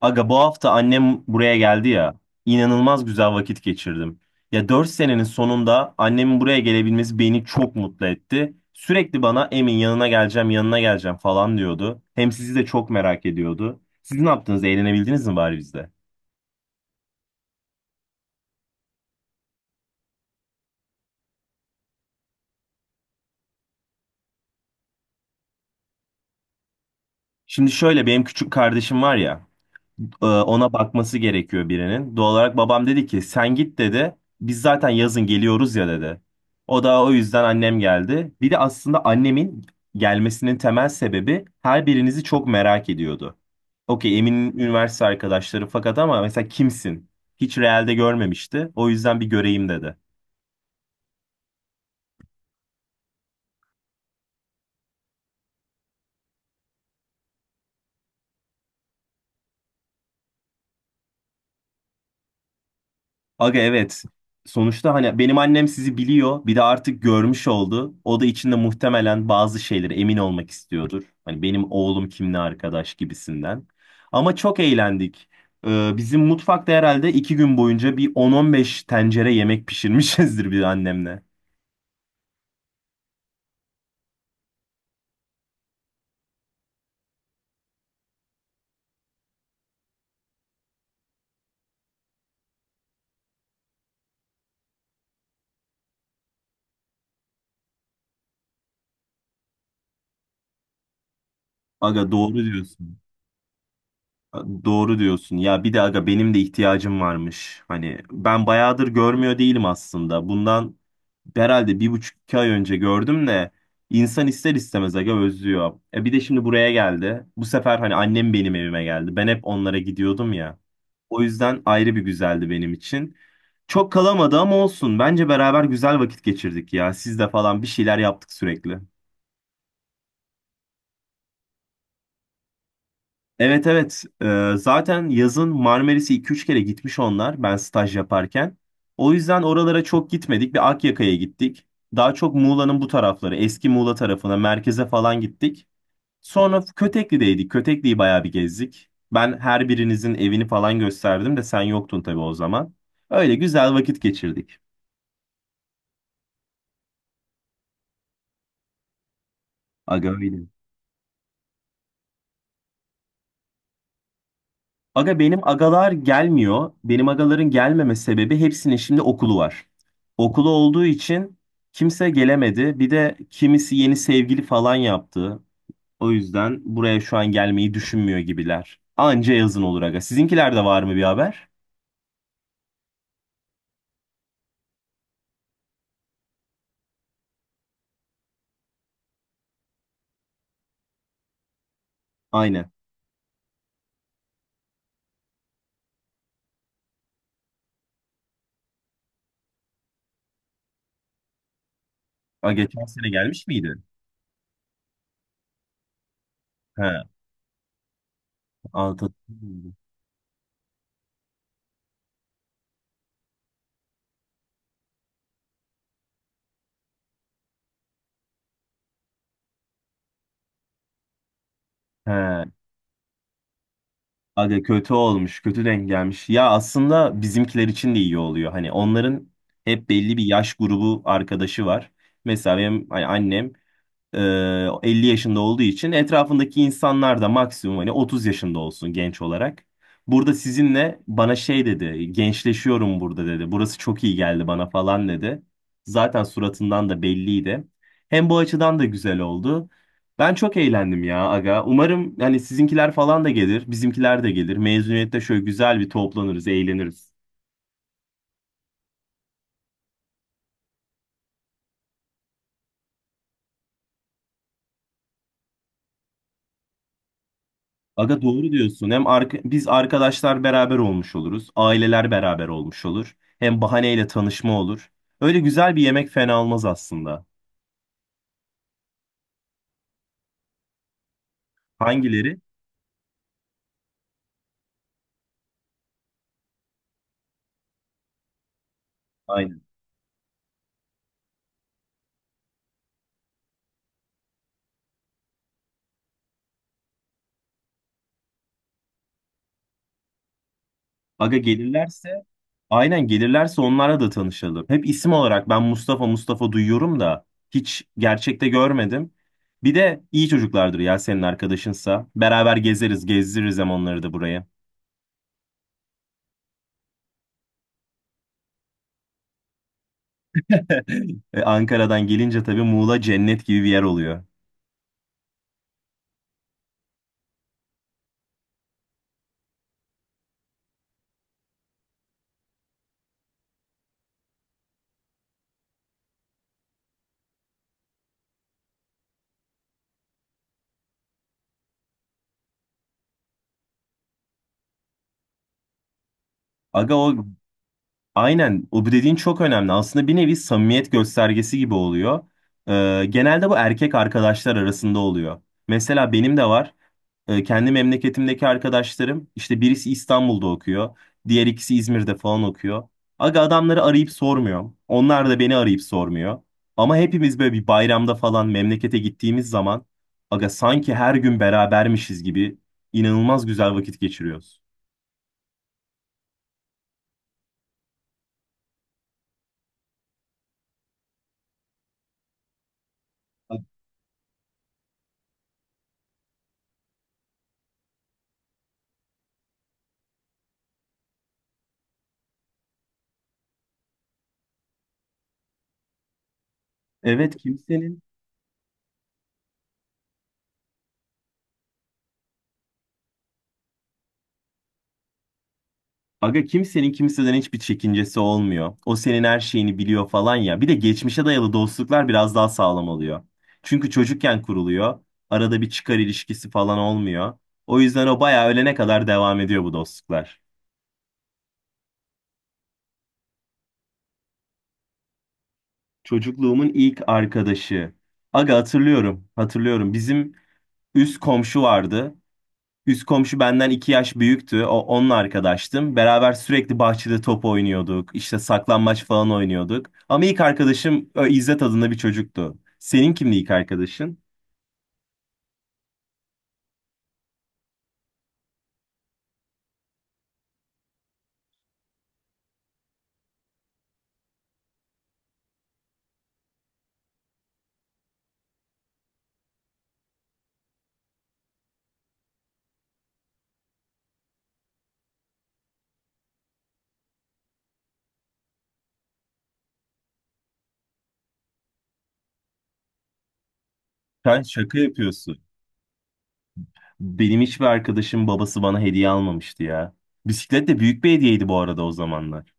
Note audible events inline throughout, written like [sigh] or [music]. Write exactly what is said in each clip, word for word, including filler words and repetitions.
Aga bu hafta annem buraya geldi ya. İnanılmaz güzel vakit geçirdim. Ya dört senenin sonunda annemin buraya gelebilmesi beni çok mutlu etti. Sürekli bana Emin yanına geleceğim, yanına geleceğim falan diyordu. Hem sizi de çok merak ediyordu. Siz ne yaptınız? Eğlenebildiniz mi bari bizde? Şimdi şöyle benim küçük kardeşim var ya. Ee, Ona bakması gerekiyor birinin. Doğal olarak babam dedi ki sen git dedi. Biz zaten yazın geliyoruz ya dedi. O da o yüzden annem geldi. Bir de aslında annemin gelmesinin temel sebebi her birinizi çok merak ediyordu. Okey Emin'in üniversite arkadaşları fakat ama mesela kimsin? Hiç realde görmemişti. O yüzden bir göreyim dedi. Aga evet. Sonuçta hani benim annem sizi biliyor. Bir de artık görmüş oldu. O da içinde muhtemelen bazı şeylere emin olmak istiyordur. Hani benim oğlum kimle arkadaş gibisinden. Ama çok eğlendik. Ee, bizim mutfakta herhalde iki gün boyunca bir on on beş tencere yemek pişirmişizdir bir annemle. Aga doğru diyorsun. Doğru diyorsun. Ya bir de aga benim de ihtiyacım varmış. Hani ben bayağıdır görmüyor değilim aslında. Bundan herhalde bir buçuk iki ay önce gördüm de insan ister istemez aga özlüyor. E bir de şimdi buraya geldi. Bu sefer hani annem benim evime geldi. Ben hep onlara gidiyordum ya. O yüzden ayrı bir güzeldi benim için. Çok kalamadı ama olsun. Bence beraber güzel vakit geçirdik ya. Siz de falan bir şeyler yaptık sürekli. Evet, evet. Ee, zaten yazın Marmaris'e iki üç kere gitmiş onlar ben staj yaparken. O yüzden oralara çok gitmedik. Bir Akyaka'ya gittik. Daha çok Muğla'nın bu tarafları, eski Muğla tarafına, merkeze falan gittik. Sonra Kötekli'deydik. Kötekli'yi bayağı bir gezdik. Ben her birinizin evini falan gösterdim de sen yoktun tabii o zaman. Öyle güzel vakit geçirdik. Aga öyle. Aga benim agalar gelmiyor. Benim agaların gelmeme sebebi hepsinin şimdi okulu var. Okulu olduğu için kimse gelemedi. Bir de kimisi yeni sevgili falan yaptı. O yüzden buraya şu an gelmeyi düşünmüyor gibiler. Anca yazın olur aga. Sizinkilerde var mı bir haber? Aynen. Aga geçen sene gelmiş miydi? He. Altı. He. Aga kötü olmuş, kötü denk gelmiş. Ya aslında bizimkiler için de iyi oluyor. Hani onların hep belli bir yaş grubu arkadaşı var. Mesela benim hani annem ee, elli yaşında olduğu için etrafındaki insanlar da maksimum hani otuz yaşında olsun genç olarak. Burada sizinle bana şey dedi, gençleşiyorum burada dedi. Burası çok iyi geldi bana falan dedi. Zaten suratından da belliydi. Hem bu açıdan da güzel oldu. Ben çok eğlendim ya aga. Umarım hani sizinkiler falan da gelir, bizimkiler de gelir. Mezuniyette şöyle güzel bir toplanırız, eğleniriz. Aga doğru diyorsun. Hem arka, biz arkadaşlar beraber olmuş oluruz. Aileler beraber olmuş olur. Hem bahaneyle tanışma olur. Öyle güzel bir yemek fena olmaz aslında. Hangileri? Aynen. Aga gelirlerse aynen gelirlerse onlarla da tanışalım. Hep isim olarak ben Mustafa Mustafa duyuyorum da hiç gerçekte görmedim. Bir de iyi çocuklardır ya senin arkadaşınsa. Beraber gezeriz, gezdiririz hem onları da buraya. [laughs] E, Ankara'dan gelince tabii Muğla cennet gibi bir yer oluyor. Aga o. Aynen o bu dediğin çok önemli. Aslında bir nevi samimiyet göstergesi gibi oluyor. Ee, genelde bu erkek arkadaşlar arasında oluyor. Mesela benim de var. Ee, kendi memleketimdeki arkadaşlarım işte birisi İstanbul'da okuyor. Diğer ikisi İzmir'de falan okuyor. Aga adamları arayıp sormuyorum. Onlar da beni arayıp sormuyor. Ama hepimiz böyle bir bayramda falan memlekete gittiğimiz zaman aga sanki her gün berabermişiz gibi inanılmaz güzel vakit geçiriyoruz. Evet, kimsenin. Aga kimsenin kimseden hiçbir çekincesi olmuyor. O senin her şeyini biliyor falan ya. Bir de geçmişe dayalı dostluklar biraz daha sağlam oluyor. Çünkü çocukken kuruluyor. Arada bir çıkar ilişkisi falan olmuyor. O yüzden o bayağı ölene kadar devam ediyor bu dostluklar. Çocukluğumun ilk arkadaşı. Aga hatırlıyorum, hatırlıyorum. Bizim üst komşu vardı. Üst komşu benden iki yaş büyüktü. O, onunla arkadaştım. Beraber sürekli bahçede top oynuyorduk. İşte saklambaç falan oynuyorduk. Ama ilk arkadaşım e, İzzet adında bir çocuktu. Senin kimdi ilk arkadaşın? Sen şaka yapıyorsun. Benim hiçbir arkadaşım babası bana hediye almamıştı ya. Bisiklet de büyük bir hediyeydi bu arada o zamanlar.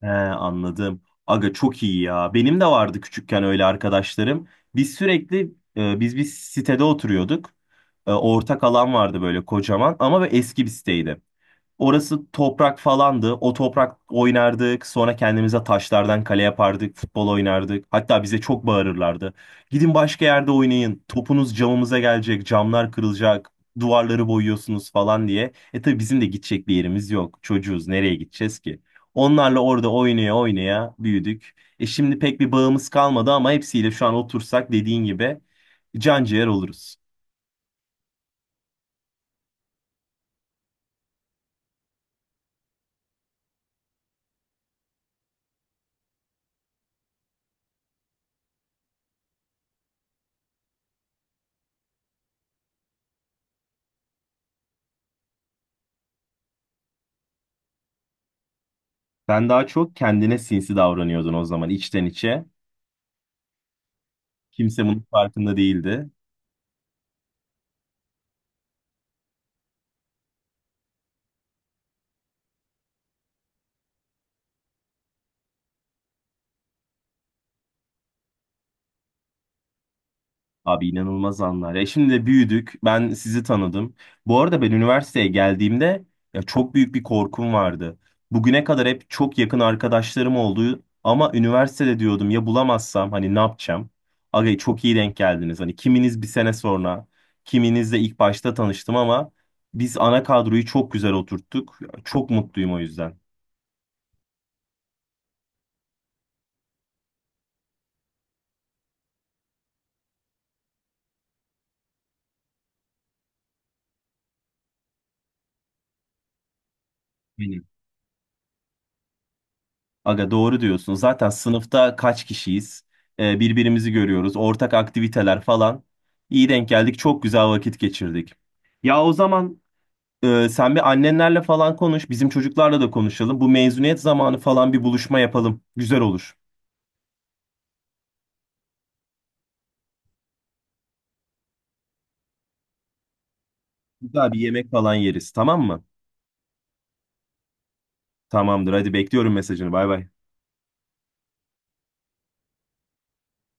He, anladım. Aga çok iyi ya. Benim de vardı küçükken öyle arkadaşlarım. Biz sürekli e, biz bir sitede oturuyorduk. E, ortak alan vardı böyle kocaman ama böyle eski bir siteydi. Orası toprak falandı. O toprak oynardık. Sonra kendimize taşlardan kale yapardık. Futbol oynardık. Hatta bize çok bağırırlardı. Gidin başka yerde oynayın. Topunuz camımıza gelecek. Camlar kırılacak. Duvarları boyuyorsunuz falan diye. E tabii bizim de gidecek bir yerimiz yok. Çocuğuz. Nereye gideceğiz ki? Onlarla orada oynaya oynaya büyüdük. E şimdi pek bir bağımız kalmadı ama hepsiyle şu an otursak dediğin gibi can ciğer oluruz. Sen daha çok kendine sinsi davranıyordun o zaman içten içe. Kimse bunun farkında değildi. Abi inanılmaz anlar. Ya şimdi de büyüdük. Ben sizi tanıdım. Bu arada ben üniversiteye geldiğimde ya çok büyük bir korkum vardı. Bugüne kadar hep çok yakın arkadaşlarım oldu ama üniversitede diyordum ya bulamazsam hani ne yapacağım? Aga çok iyi denk geldiniz. Hani kiminiz bir sene sonra, kiminiz de ilk başta tanıştım ama biz ana kadroyu çok güzel oturttuk. Çok mutluyum o yüzden. Aga doğru diyorsun. Zaten sınıfta kaç kişiyiz? Ee, birbirimizi görüyoruz. Ortak aktiviteler falan. İyi denk geldik. Çok güzel vakit geçirdik. Ya o zaman e, sen bir annenlerle falan konuş. Bizim çocuklarla da konuşalım. Bu mezuniyet zamanı falan bir buluşma yapalım. Güzel olur. Güzel bir yemek falan yeriz. Tamam mı? Tamamdır. Hadi bekliyorum mesajını. Bay bay.